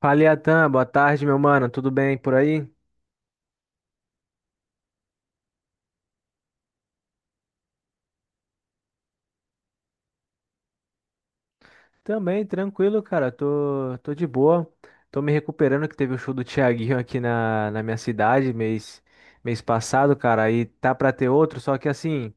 Fala, Iatan, boa tarde, meu mano. Tudo bem por aí? Também, tranquilo, cara. Tô de boa. Tô me recuperando que teve o show do Thiaguinho aqui na minha cidade mês passado, cara. E tá pra ter outro, só que assim.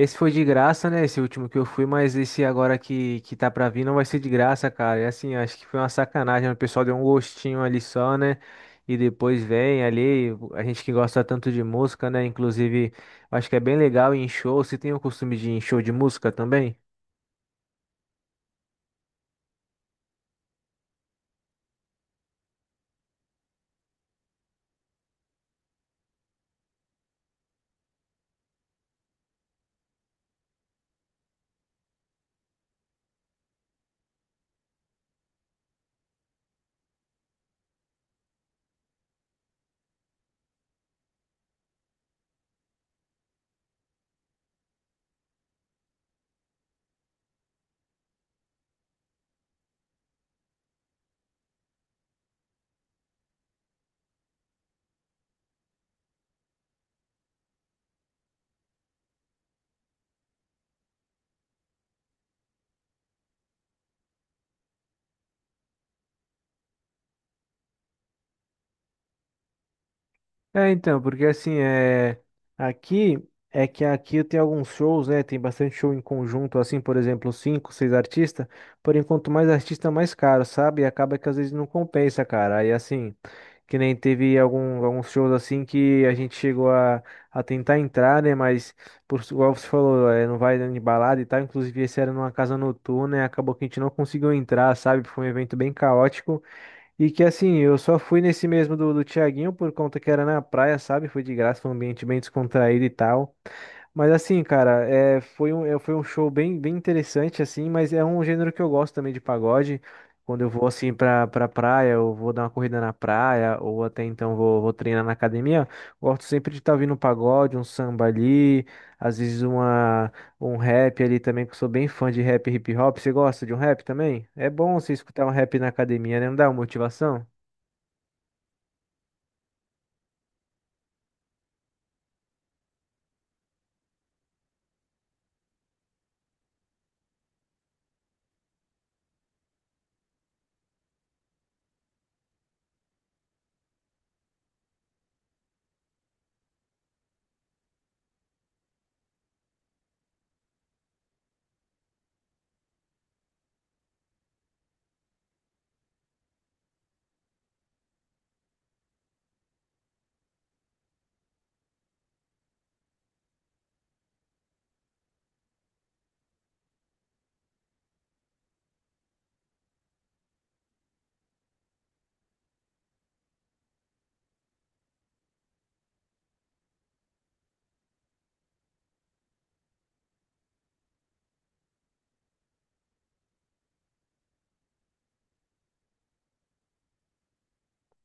Esse foi de graça, né? Esse último que eu fui, mas esse agora que tá pra vir não vai ser de graça, cara. E assim, acho que foi uma sacanagem, né? O pessoal deu um gostinho ali só, né? E depois vem ali, a gente que gosta tanto de música, né? Inclusive, acho que é bem legal ir em show. Você tem o costume de ir em show de música também? É, então, porque assim, aqui é que aqui eu tenho alguns shows, né? Tem bastante show em conjunto, assim, por exemplo, cinco, seis artistas. Porém, quanto mais artista, mais caro, sabe? E acaba que às vezes não compensa, cara. Aí assim, que nem teve alguns shows assim que a gente chegou a tentar entrar, né? Mas, igual você falou, é, não vai dando de balada e tal. Inclusive, esse era numa casa noturna, e acabou que a gente não conseguiu entrar, sabe? Foi um evento bem caótico. E que assim, eu só fui nesse mesmo do Thiaguinho por conta que era na praia, sabe? Foi de graça, foi um ambiente bem descontraído e tal. Mas assim, cara, é, foi um show bem interessante, assim, mas é um gênero que eu gosto também de pagode. Quando eu vou assim pra praia, eu vou dar uma corrida na praia, ou até então vou treinar na academia, gosto sempre de estar ouvindo um pagode, um samba ali, às vezes uma um rap ali também, que eu sou bem fã de rap e hip hop. Você gosta de um rap também? É bom você escutar um rap na academia, né? Não dá uma motivação?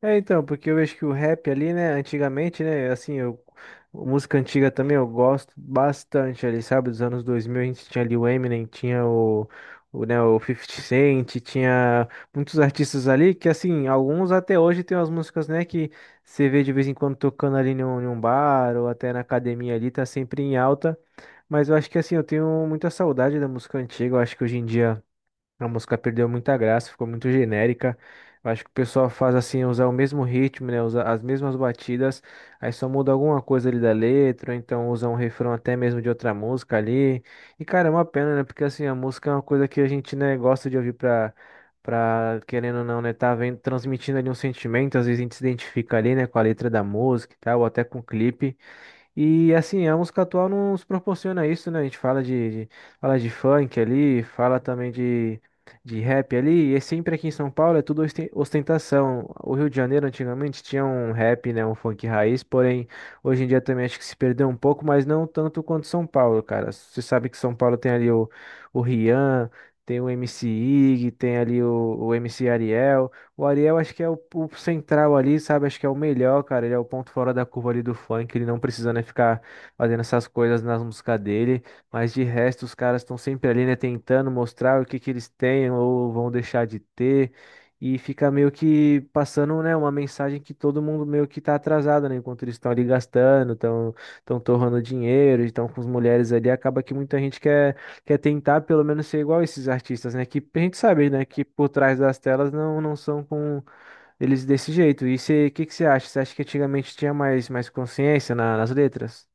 É, então, porque eu vejo que o rap ali, né, antigamente, né, assim, música antiga também eu gosto bastante ali, sabe, dos anos 2000 a gente tinha ali o Eminem, tinha o 50 Cent, tinha muitos artistas ali que, assim, alguns até hoje tem umas músicas, né, que você vê de vez em quando tocando ali num bar ou até na academia ali, tá sempre em alta, mas eu acho que, assim, eu tenho muita saudade da música antiga, eu acho que hoje em dia a música perdeu muita graça, ficou muito genérica. Eu acho que o pessoal faz assim, usar o mesmo ritmo, né? Usar as mesmas batidas, aí só muda alguma coisa ali da letra, ou então usa um refrão até mesmo de outra música ali. E cara, é uma pena, né? Porque assim, a música é uma coisa que a gente, né, gosta de ouvir pra, querendo ou não, né, tá vendo, transmitindo ali um sentimento, às vezes a gente se identifica ali, né, com a letra da música e tal, ou até com o clipe. E assim, a música atual nos proporciona isso, né? A gente fala fala de funk ali, fala também de rap ali, e é sempre aqui em São Paulo é tudo ostentação. O Rio de Janeiro antigamente tinha um rap, né? Um funk raiz, porém hoje em dia também acho que se perdeu um pouco, mas não tanto quanto São Paulo, cara. Você sabe que São Paulo tem ali o Rian, tem o MC Ig, tem ali o MC Ariel. O Ariel acho que é o central ali, sabe? Acho que é o melhor, cara. Ele é o ponto fora da curva ali do funk. Ele não precisa, né, ficar fazendo essas coisas nas músicas dele. Mas de resto, os caras estão sempre ali, né, tentando mostrar o que que eles têm ou vão deixar de ter. E fica meio que passando, né, uma mensagem que todo mundo meio que tá atrasado, né? Enquanto eles estão ali gastando, estão torrando dinheiro, estão com as mulheres ali. Acaba que muita gente quer tentar pelo menos ser igual a esses artistas, né? Que a gente sabe, né? Que por trás das telas não são com eles desse jeito. E o que que você acha? Você acha que antigamente tinha mais consciência nas letras?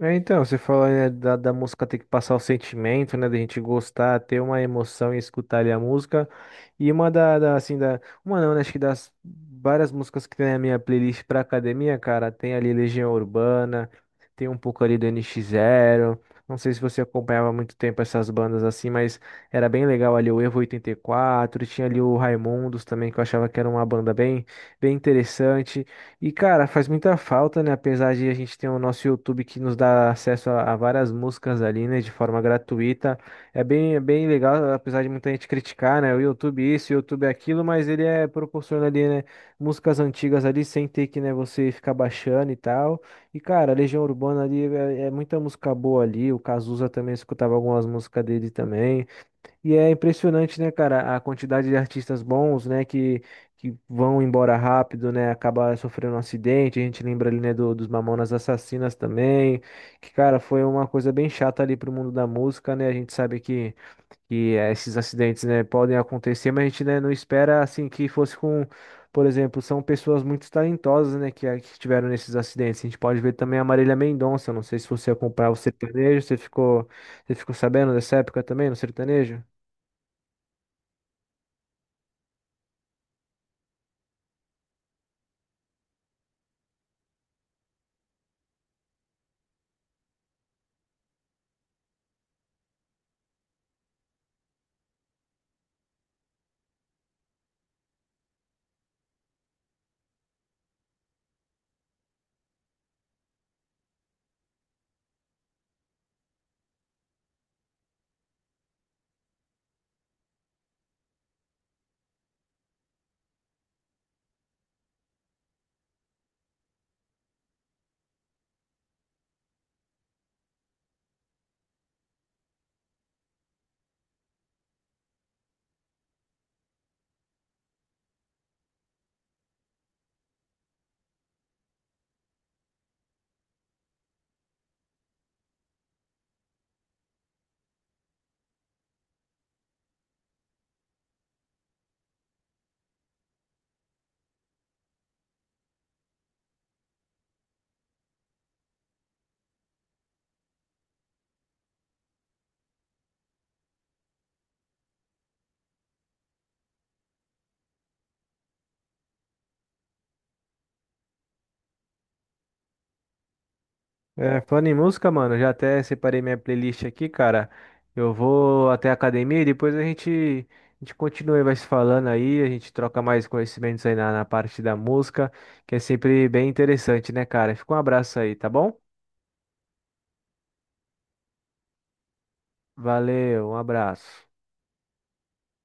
É, então, você falou, né, da música ter que passar o sentimento, né, da gente gostar, ter uma emoção e escutar ali a música. E uma uma não, né, acho que das várias músicas que tem na minha playlist pra academia, cara, tem ali Legião Urbana, tem um pouco ali do NX Zero. Não sei se você acompanhava há muito tempo essas bandas assim, mas era bem legal ali o Evo 84, tinha ali o Raimundos também, que eu achava que era uma banda bem interessante. E, cara, faz muita falta, né? Apesar de a gente ter o nosso YouTube que nos dá acesso a várias músicas ali, né? De forma gratuita. É bem legal, apesar de muita gente criticar, né? O YouTube isso, o YouTube aquilo, mas ele é proporciona ali, né? Músicas antigas ali, sem ter que, né, você ficar baixando e tal. E, cara, a Legião Urbana ali é muita música boa ali. O Cazuza também escutava algumas músicas dele também. E é impressionante, né, cara, a quantidade de artistas bons, né, que vão embora rápido, né, acaba sofrendo um acidente. A gente lembra ali, né, dos Mamonas Assassinas também, que, cara, foi uma coisa bem chata ali pro mundo da música, né. A gente sabe que esses acidentes, né, podem acontecer, mas a gente, né, não espera, assim, que fosse com, por exemplo, são pessoas muito talentosas, né, que estiveram nesses acidentes. A gente pode ver também a Marília Mendonça, não sei se você acompanhava o sertanejo, você ficou sabendo dessa época também, no sertanejo? É, falando em música, mano, já até separei minha playlist aqui, cara. Eu vou até a academia e depois a gente continua e vai se falando aí, a gente troca mais conhecimentos aí na parte da música, que é sempre bem interessante, né, cara? Fica um abraço aí, tá bom? Valeu, um abraço.